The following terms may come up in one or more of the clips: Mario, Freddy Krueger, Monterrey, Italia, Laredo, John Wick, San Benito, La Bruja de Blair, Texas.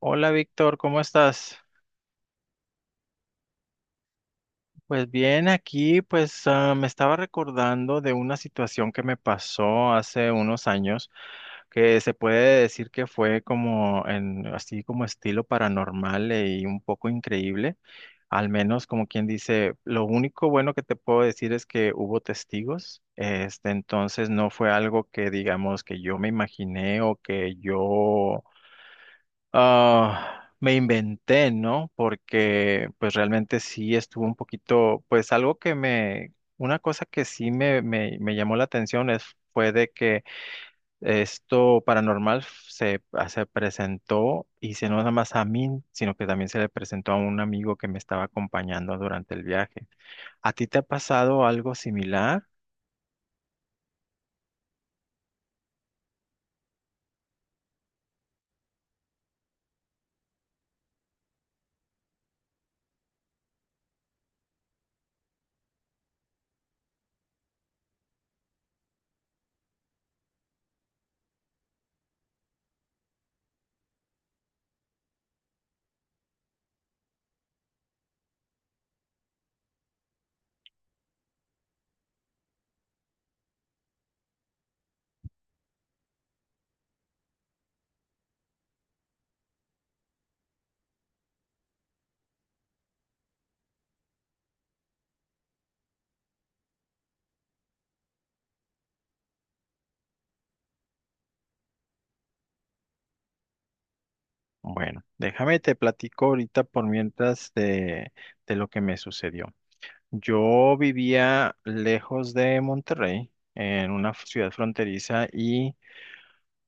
Hola Víctor, ¿cómo estás? Pues bien, aquí pues me estaba recordando de una situación que me pasó hace unos años que se puede decir que fue como en así como estilo paranormal y un poco increíble, al menos como quien dice. Lo único bueno que te puedo decir es que hubo testigos. Este, entonces no fue algo que digamos que yo me imaginé o que yo me inventé, ¿no? Porque pues realmente sí estuvo un poquito, pues algo que me, una cosa que sí me llamó la atención es, fue de que esto paranormal se presentó y se no nada más a mí, sino que también se le presentó a un amigo que me estaba acompañando durante el viaje. ¿A ti te ha pasado algo similar? Bueno, déjame te platico ahorita por mientras de lo que me sucedió. Yo vivía lejos de Monterrey, en una ciudad fronteriza y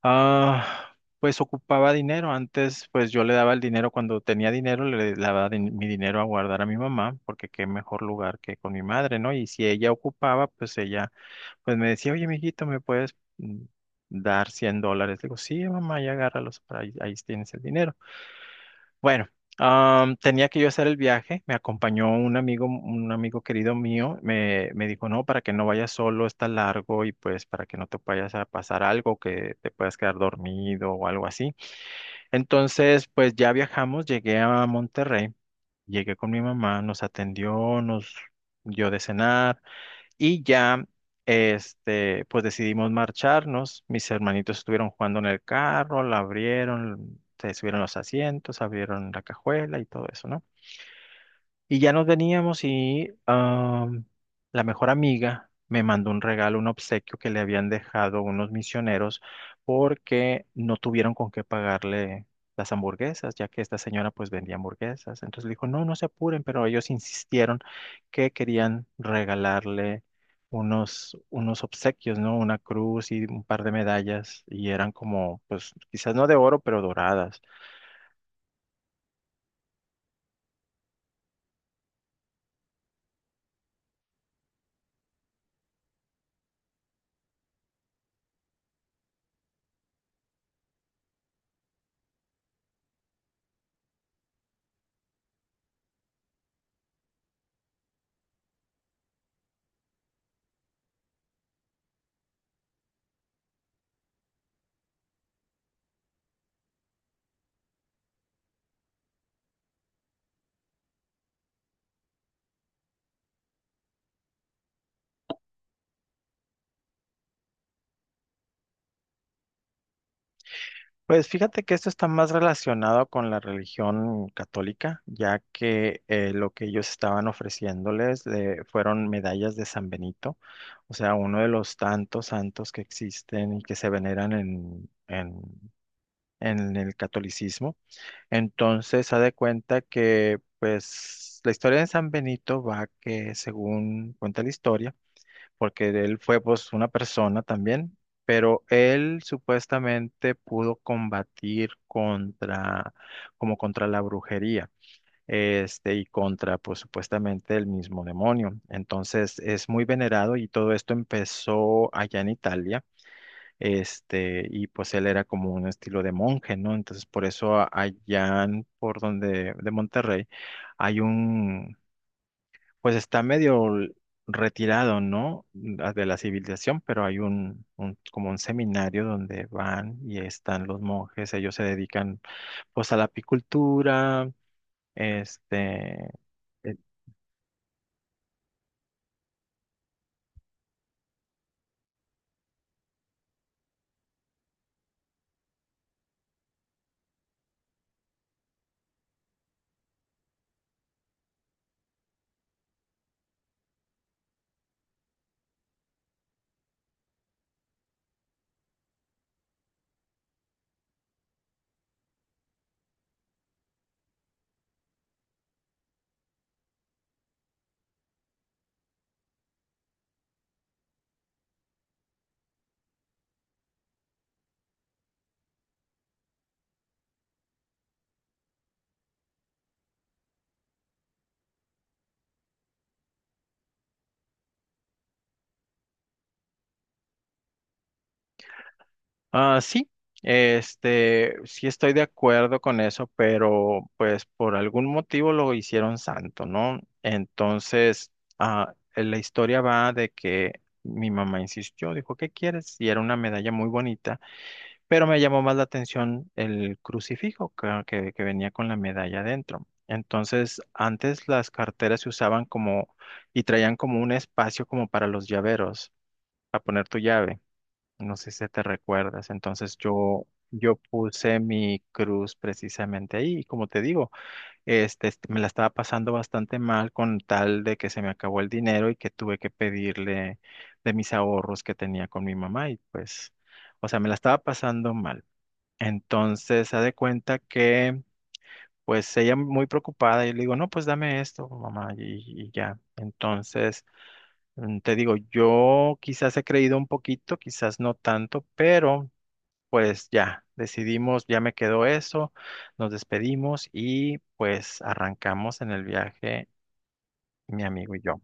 pues ocupaba dinero. Antes pues yo le daba el dinero cuando tenía dinero, le daba mi dinero a guardar a mi mamá, porque qué mejor lugar que con mi madre, ¿no? Y si ella ocupaba, pues ella pues me decía, oye, mijito, ¿me puedes dar 100 dólares? Le digo, sí, mamá, ya agárralos, para ahí, ahí tienes el dinero. Bueno, tenía que yo hacer el viaje, me acompañó un amigo querido mío, me dijo, no, para que no vayas solo, está largo y pues para que no te vayas a pasar algo, que te puedas quedar dormido o algo así. Entonces, pues ya viajamos, llegué a Monterrey, llegué con mi mamá, nos atendió, nos dio de cenar. Y ya, este, pues decidimos marcharnos. Mis hermanitos estuvieron jugando en el carro, la abrieron, se subieron los asientos, abrieron la cajuela y todo eso, ¿no? Y ya nos veníamos y la mejor amiga me mandó un regalo, un obsequio que le habían dejado unos misioneros porque no tuvieron con qué pagarle las hamburguesas, ya que esta señora pues vendía hamburguesas. Entonces le dijo, no, no se apuren, pero ellos insistieron que querían regalarle unos obsequios, ¿no? Una cruz y un par de medallas y eran como, pues quizás no de oro, pero doradas. Pues fíjate que esto está más relacionado con la religión católica, ya que lo que ellos estaban ofreciéndoles fueron medallas de San Benito, o sea, uno de los tantos santos que existen y que se veneran en el catolicismo. Entonces, haz de cuenta que, pues, la historia de San Benito va que, según cuenta la historia, porque él fue pues una persona también, pero él supuestamente pudo combatir contra, como contra la brujería, este, y contra pues supuestamente el mismo demonio. Entonces es muy venerado y todo esto empezó allá en Italia. Este, y pues él era como un estilo de monje, ¿no? Entonces por eso allá por donde de Monterrey hay un pues está medio retirado, ¿no? De la civilización, pero hay como un seminario donde van y están los monjes, ellos se dedican pues a la apicultura, este, eh, sí, este, sí estoy de acuerdo con eso, pero pues por algún motivo lo hicieron santo, ¿no? Entonces, la historia va de que mi mamá insistió, dijo, ¿qué quieres? Y era una medalla muy bonita, pero me llamó más la atención el crucifijo que que venía con la medalla adentro. Entonces, antes las carteras se usaban como y traían como un espacio como para los llaveros, para poner tu llave. No sé si te recuerdas. Entonces yo puse mi cruz precisamente ahí. Y como te digo, me la estaba pasando bastante mal con tal de que se me acabó el dinero y que tuve que pedirle de mis ahorros que tenía con mi mamá. Y pues, o sea, me la estaba pasando mal. Entonces, haz de cuenta que, pues, ella muy preocupada y le digo, no, pues dame esto, mamá, y ya. Entonces... te digo, yo quizás he creído un poquito, quizás no tanto, pero pues ya, decidimos, ya me quedó eso, nos despedimos y pues arrancamos en el viaje, mi amigo y yo.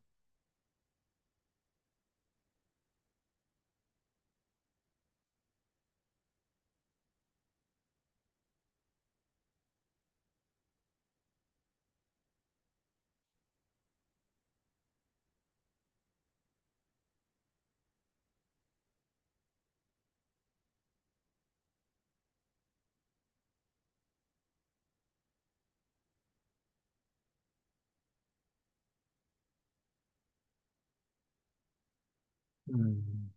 Mm.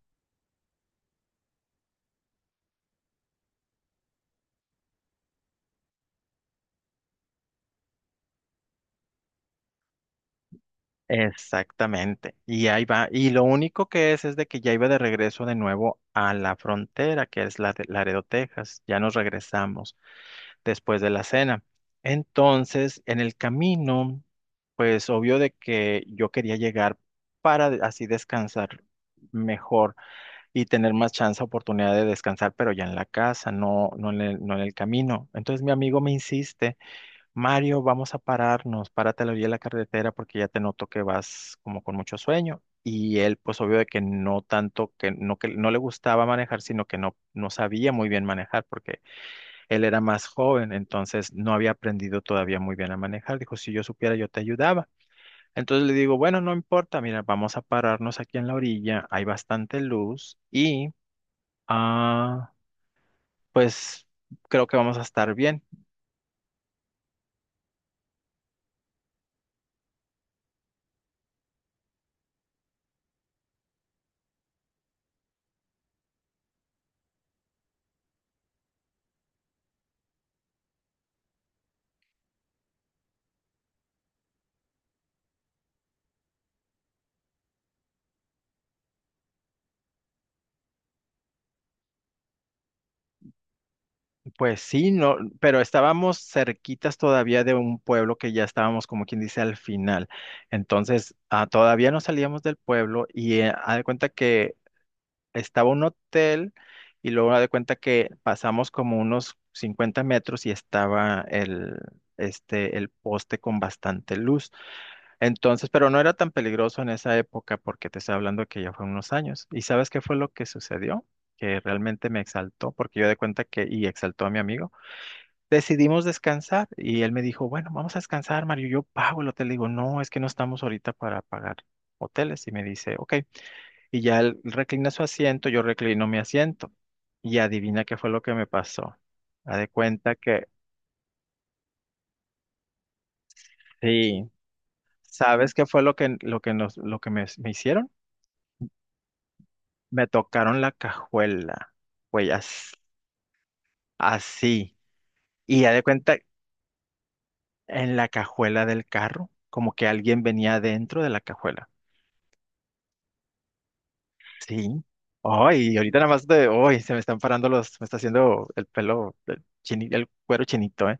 Exactamente. Y ahí va. Y lo único que es de que ya iba de regreso de nuevo a la frontera, que es la de Laredo, Texas. Ya nos regresamos después de la cena. Entonces, en el camino, pues obvio de que yo quería llegar para así descansar mejor y tener más chance, oportunidad de descansar, pero ya en la casa, no, no en el camino. Entonces mi amigo me insiste, Mario, vamos a pararnos, párate a la orilla de la carretera porque ya te noto que vas como con mucho sueño. Y él, pues obvio de que no tanto, que no le gustaba manejar, sino que no sabía muy bien manejar porque él era más joven, entonces no había aprendido todavía muy bien a manejar. Dijo, si yo supiera, yo te ayudaba. Entonces le digo, bueno, no importa, mira, vamos a pararnos aquí en la orilla, hay bastante luz y Ah, pues creo que vamos a estar bien. Pues sí, no, pero estábamos cerquitas todavía de un pueblo que ya estábamos, como quien dice, al final. Entonces, todavía no salíamos del pueblo y haz de cuenta que estaba un hotel y luego haz de cuenta que pasamos como unos 50 metros y estaba este, el poste con bastante luz. Entonces, pero no era tan peligroso en esa época porque te estoy hablando que ya fue unos años. ¿Y sabes qué fue lo que sucedió? Que realmente me exaltó porque yo de cuenta que, y exaltó a mi amigo, decidimos descansar y él me dijo, bueno, vamos a descansar, Mario, yo pago el hotel. Le digo, no, es que no estamos ahorita para pagar hoteles. Y me dice, ok. Y ya él reclina su asiento, yo reclino mi asiento. Y adivina qué fue lo que me pasó. Haz de cuenta que, sí, ¿sabes qué fue lo lo que me hicieron? Me tocaron la cajuela, güey, así. Y ya de cuenta, en la cajuela del carro, como que alguien venía dentro de la cajuela. Sí. Ay, y ahorita nada más de, ay, se me están parando los, me está haciendo el pelo, el cuero chinito, ¿eh?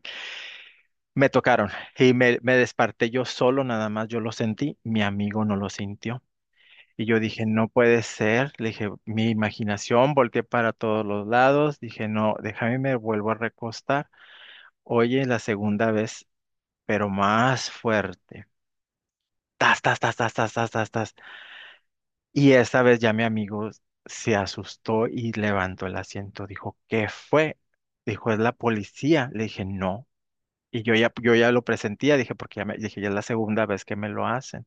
Me tocaron y me desperté yo solo, nada más yo lo sentí, mi amigo no lo sintió. Y yo dije, no puede ser, le dije, mi imaginación, volteé para todos los lados, dije, no, déjame, me vuelvo a recostar. Oye, la segunda vez, pero más fuerte. Tas, tas, tas, tas, tas, tas, tas, tas. Y esta vez ya mi amigo se asustó y levantó el asiento. Dijo, ¿qué fue? Dijo, es la policía. Le dije, no. Y yo ya lo presentía, dije, porque ya me, dije, ya es la segunda vez que me lo hacen.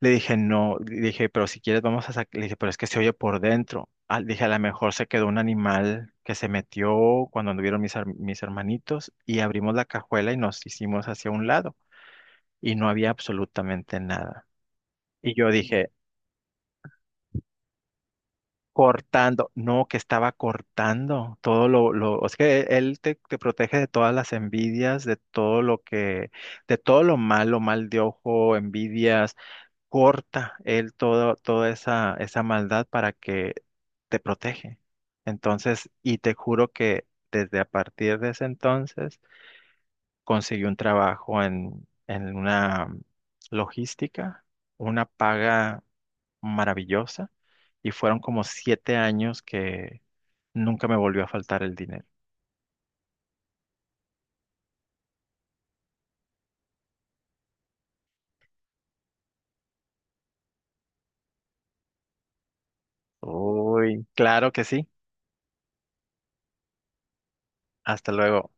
Le dije, no, le dije, pero si quieres vamos a sacar, le dije, pero es que se oye por dentro. Ah, dije, a lo mejor se quedó un animal que se metió cuando anduvieron mis hermanitos y abrimos la cajuela y nos hicimos hacia un lado. Y no había absolutamente nada. Y yo dije, cortando, no, que estaba cortando todo es que él te protege de todas las envidias, de todo lo que, de todo lo malo, mal de ojo, envidias, corta él todo, esa maldad para que te protege. Entonces, y te juro que desde a partir de ese entonces conseguí un trabajo en una logística, una paga maravillosa y fueron como 7 años que nunca me volvió a faltar el dinero. Uy, claro que sí. Hasta luego.